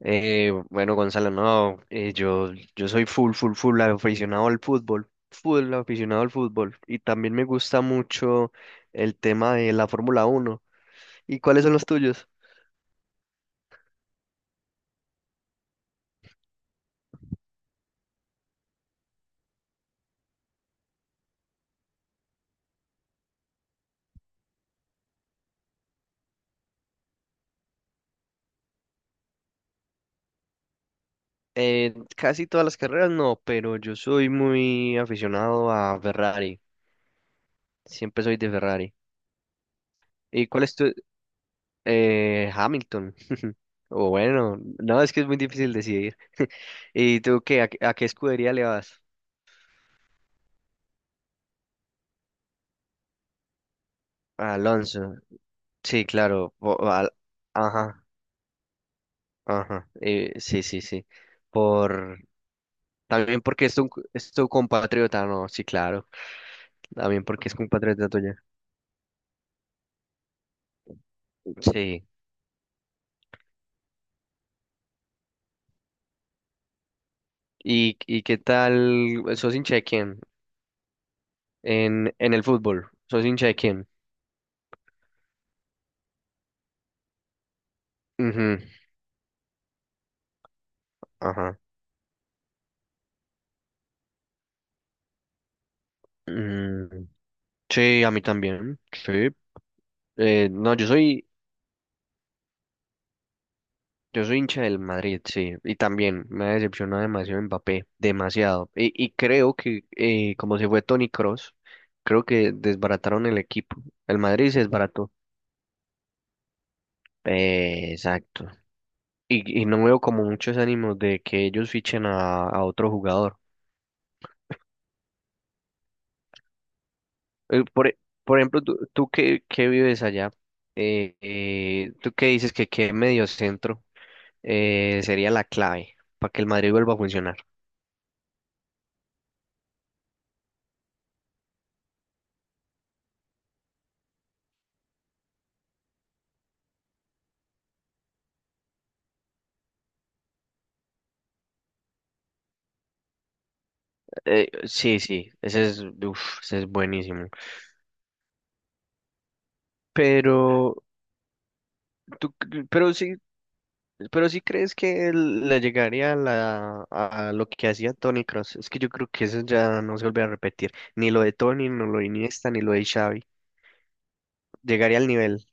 Bueno, Gonzalo, no, yo soy full, full, full aficionado al fútbol, full aficionado al fútbol, y también me gusta mucho el tema de la Fórmula Uno. ¿Y cuáles son los tuyos? Casi todas las carreras no, pero yo soy muy aficionado a Ferrari, siempre soy de Ferrari. ¿Y cuál es tu? Hamilton, o bueno, no, es que es muy difícil decidir. ¿Y tú qué? ¿A qué escudería le vas? A Alonso, sí, claro, ajá. Ajá, sí, sí, sí. Por, También porque es tu compatriota, no, sí, claro. También porque es compatriota tuya. Sí. ¿Y qué tal? ¿Sos hincha de quién? En el fútbol. ¿Sos hincha de quién? Ujú. Ajá. Mm, sí, a mí también. Sí. No, yo soy hincha del Madrid, sí, y también me ha decepcionado demasiado Mbappé, demasiado. Y creo que como se fue Toni Kroos, creo que desbarataron el equipo. El Madrid se desbarató. Exacto. Y no veo como muchos ánimos de que ellos fichen a otro jugador. Eh, por, e- por ejemplo, tú que vives allá, tú que dices que qué medio centro sería la clave para que el Madrid vuelva a funcionar. Sí, sí, ese es buenísimo. Pero tú, c- pero sí, Pero sí crees que él le llegaría a lo que hacía Tony Cross. Es que yo creo que eso ya no se vuelve a repetir. Ni lo de Tony, ni lo de Iniesta, ni lo de Xavi. Llegaría al nivel.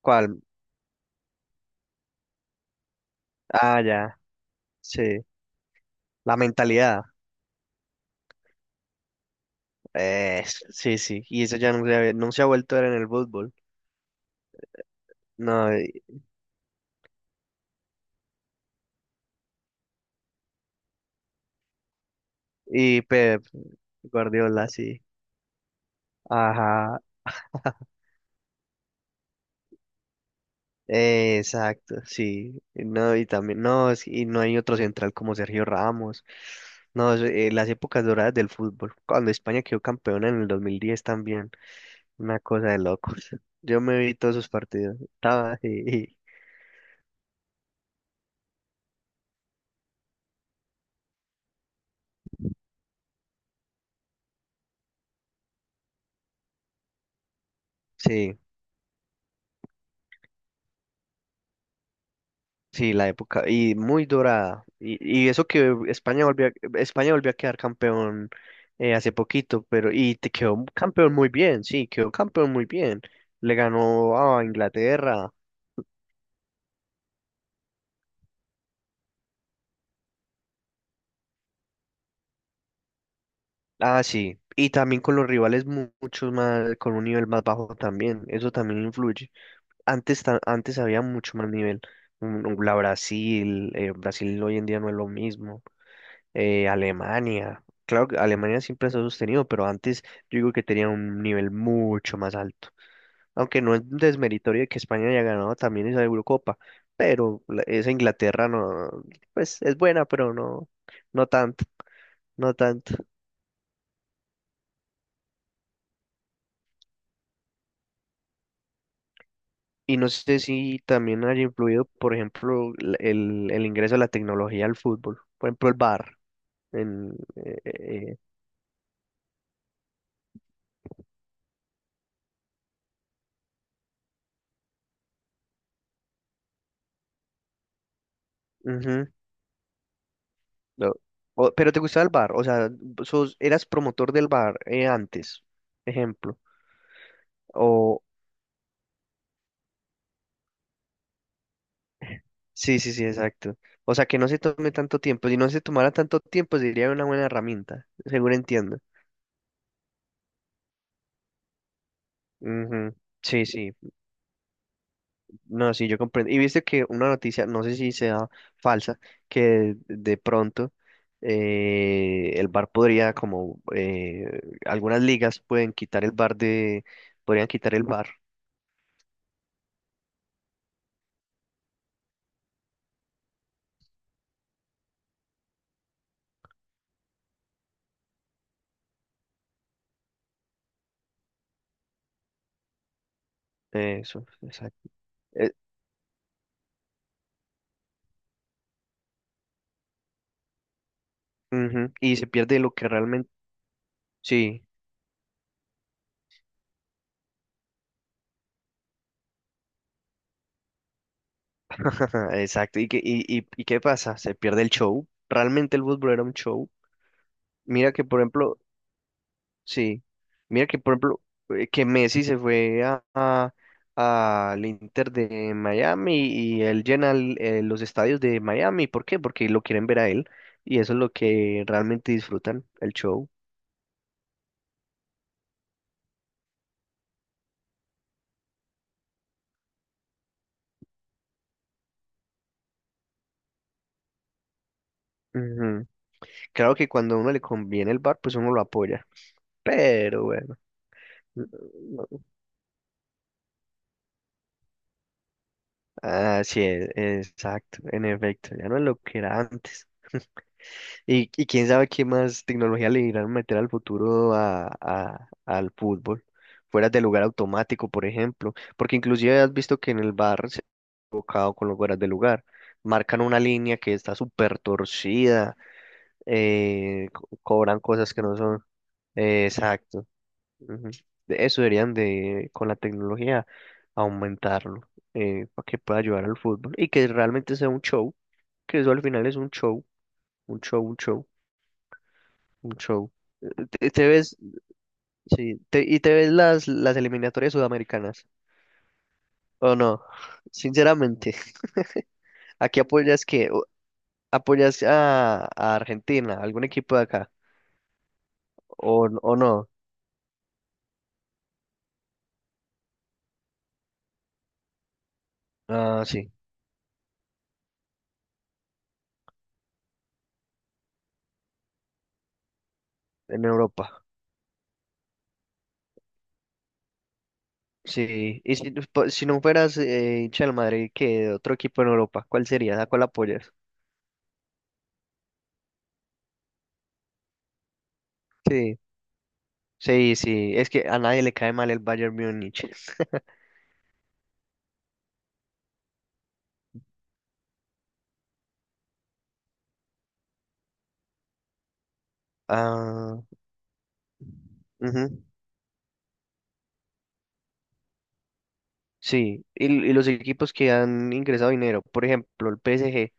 ¿Cuál? Ah, ya, sí. La mentalidad. Eh, sí, sí. Y eso ya no se ha vuelto a ver en el fútbol. No, y Pep Guardiola, sí. Ajá. Exacto, sí. No, y también, no, y no hay otro central como Sergio Ramos. No, las épocas doradas del fútbol. Cuando España quedó campeona en el 2010 también. Una cosa de locos. Yo me vi todos sus partidos. Estaba. Sí, sí, la época. Y muy dorada. Y eso que España volvió a quedar campeón hace poquito, pero, y te quedó campeón muy bien, sí, quedó campeón muy bien. Le ganó a Inglaterra. Ah, sí. Y también con los rivales mucho más, con un nivel más bajo también. Eso también influye. Antes había mucho más nivel. Brasil hoy en día no es lo mismo. Alemania. Claro que Alemania siempre se ha sostenido, pero antes yo digo que tenía un nivel mucho más alto. Aunque no es desmeritorio de que España haya ganado también esa Eurocopa, pero esa Inglaterra no, pues es buena, pero no, no tanto, no tanto. Y no sé si también haya influido, por ejemplo, el ingreso de la tecnología al fútbol. Por ejemplo, el VAR. En, eh, eh, Ujú, lo- pero te gustaba el VAR, o sea, eras promotor del VAR , antes, ejemplo. O, sí, sí, sí, exacto. O sea, que no se tome tanto tiempo. Si no se tomara tanto tiempo, sería una buena herramienta, seguro entiendo. Ujú. Sí, sí. No, sí, yo comprendo. Y viste que una noticia, no sé si sea falsa, que de pronto, el bar podría, como algunas ligas pueden quitar el bar podrían quitar el bar. Eso, exacto. Eh, Ujú, y se pierde lo que realmente, sí, exacto. ¿Y qué pasa? Se pierde el show. Realmente el fútbol era un show. Mira que, por ejemplo, sí, mira que por ejemplo que Messi se fue al Inter de Miami y él llena los estadios de Miami. ¿Por qué? Porque lo quieren ver a él y eso es lo que realmente disfrutan, el show. Ujú. Claro que cuando a uno le conviene el bar, pues uno lo apoya. Pero bueno, no- no. Ah, sí, exacto, en efecto, ya no es lo que era antes. Y quién sabe qué más tecnología le irán a meter al futuro al fútbol. Fueras de lugar automático, por ejemplo. Porque inclusive has visto que en el bar se ha equivocado con los fueras de lugar. Marcan una línea que está súper torcida. Cobran cosas que no son. Exacto. Ujú. De Eso deberían de, con la tecnología, aumentarlo. Para que pueda ayudar al fútbol. Y que realmente sea un show. Que eso al final es un show. Un show, un show. Un show. Te ves, sí, te ves las eliminatorias sudamericanas. ¿O no? Sinceramente, ¿aquí apoyas que ¿Apoyas a Argentina, algún equipo de acá? ¿O no? Ah, sí, en Europa. Sí, y si no fueras hincha del Madrid, qué de otro equipo en Europa, ¿cuál sería? ¿A cuál apoyas? Sí, sí, sí, es que a nadie le cae mal el Bayern Múnich. Ah, ujú. Sí, y los equipos que han ingresado dinero, por ejemplo, el PSG,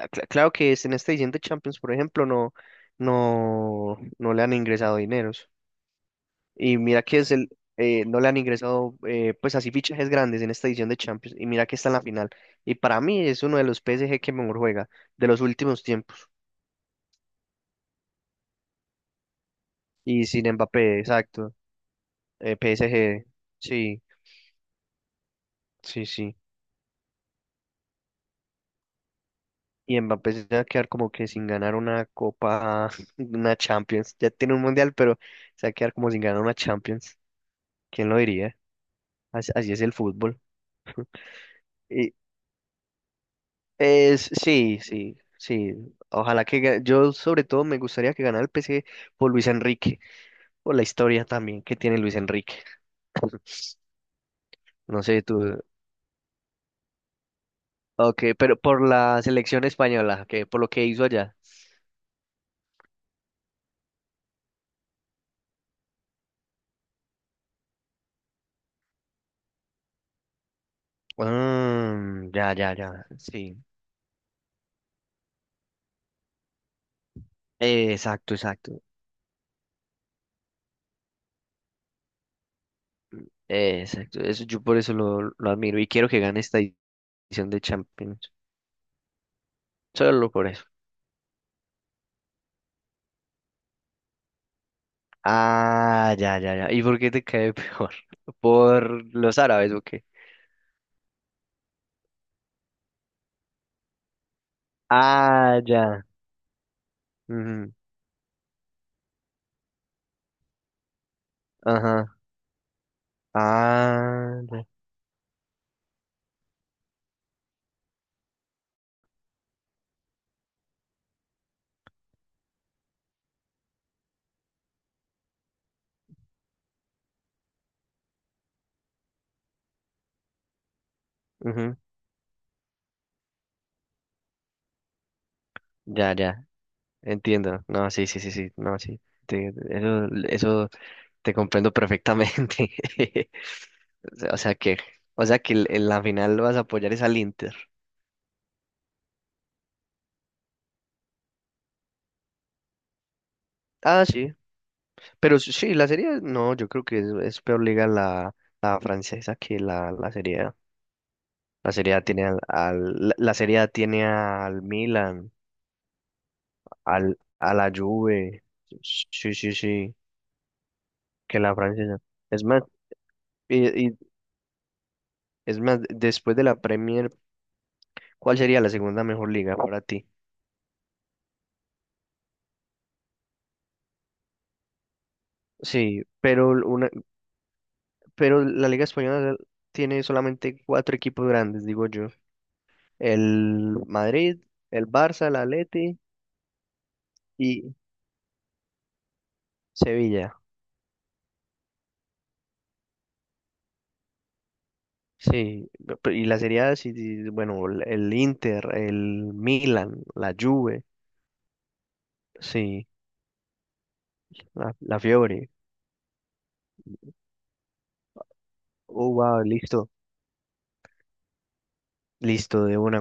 claro que es en este siguiente Champions, por ejemplo, no, no, no le han ingresado dineros. Y mira que no le han ingresado, pues así fichajes grandes en esta edición de Champions. Y mira que está en la final. Y para mí es uno de los PSG que mejor juega de los últimos tiempos. Y sin Mbappé, exacto. PSG, sí, sí, sí. Y Mbappé se va a quedar como que sin ganar una copa, una Champions. Ya tiene un mundial, pero se va a quedar como sin ganar una Champions. ¿Quién lo diría? Así, así es el fútbol. Y sí, sí, sí. Ojalá que yo sobre todo me gustaría que ganara el PSG por Luis Enrique, por la historia también que tiene Luis Enrique. No sé tú. Ok, pero por la selección española, que por lo que hizo allá. Ah, ya, ya, ya. Sí. Exacto, exacto. Exacto, eso, yo por eso lo admiro y quiero que gane esta edición de Champions. Solo por eso. Ah, ya, ya, ya. ¿Y por qué te cae peor? ¿Por los árabes o qué? Ah, ya. Ujú. Ajá. Ah, ya. Ujú. Ya, ya. Entiendo. No, sí, sí, sí, sí. No, sí. Eso te comprendo perfectamente. O sea o sea que, o sea que en la final vas a apoyar es al Inter. Ah, sí. Pero sí, la serie, no, yo creo que es peor liga la francesa que la serie A. La serie A tiene al Milan, a la Juve. Sí, sí, sí, que la francesa. Es más, y, y después de la Premier, ¿cuál sería la segunda mejor liga para ti? Sí, pero la Liga Española tiene solamente cuatro equipos grandes, digo yo. El Madrid, el Barça, el Atleti y Sevilla. Sí, y la Serie A, sí, sí, bueno, el Inter, el Milan, la Juve, sí, la Fiore. Oh, wow, listo, listo, de una.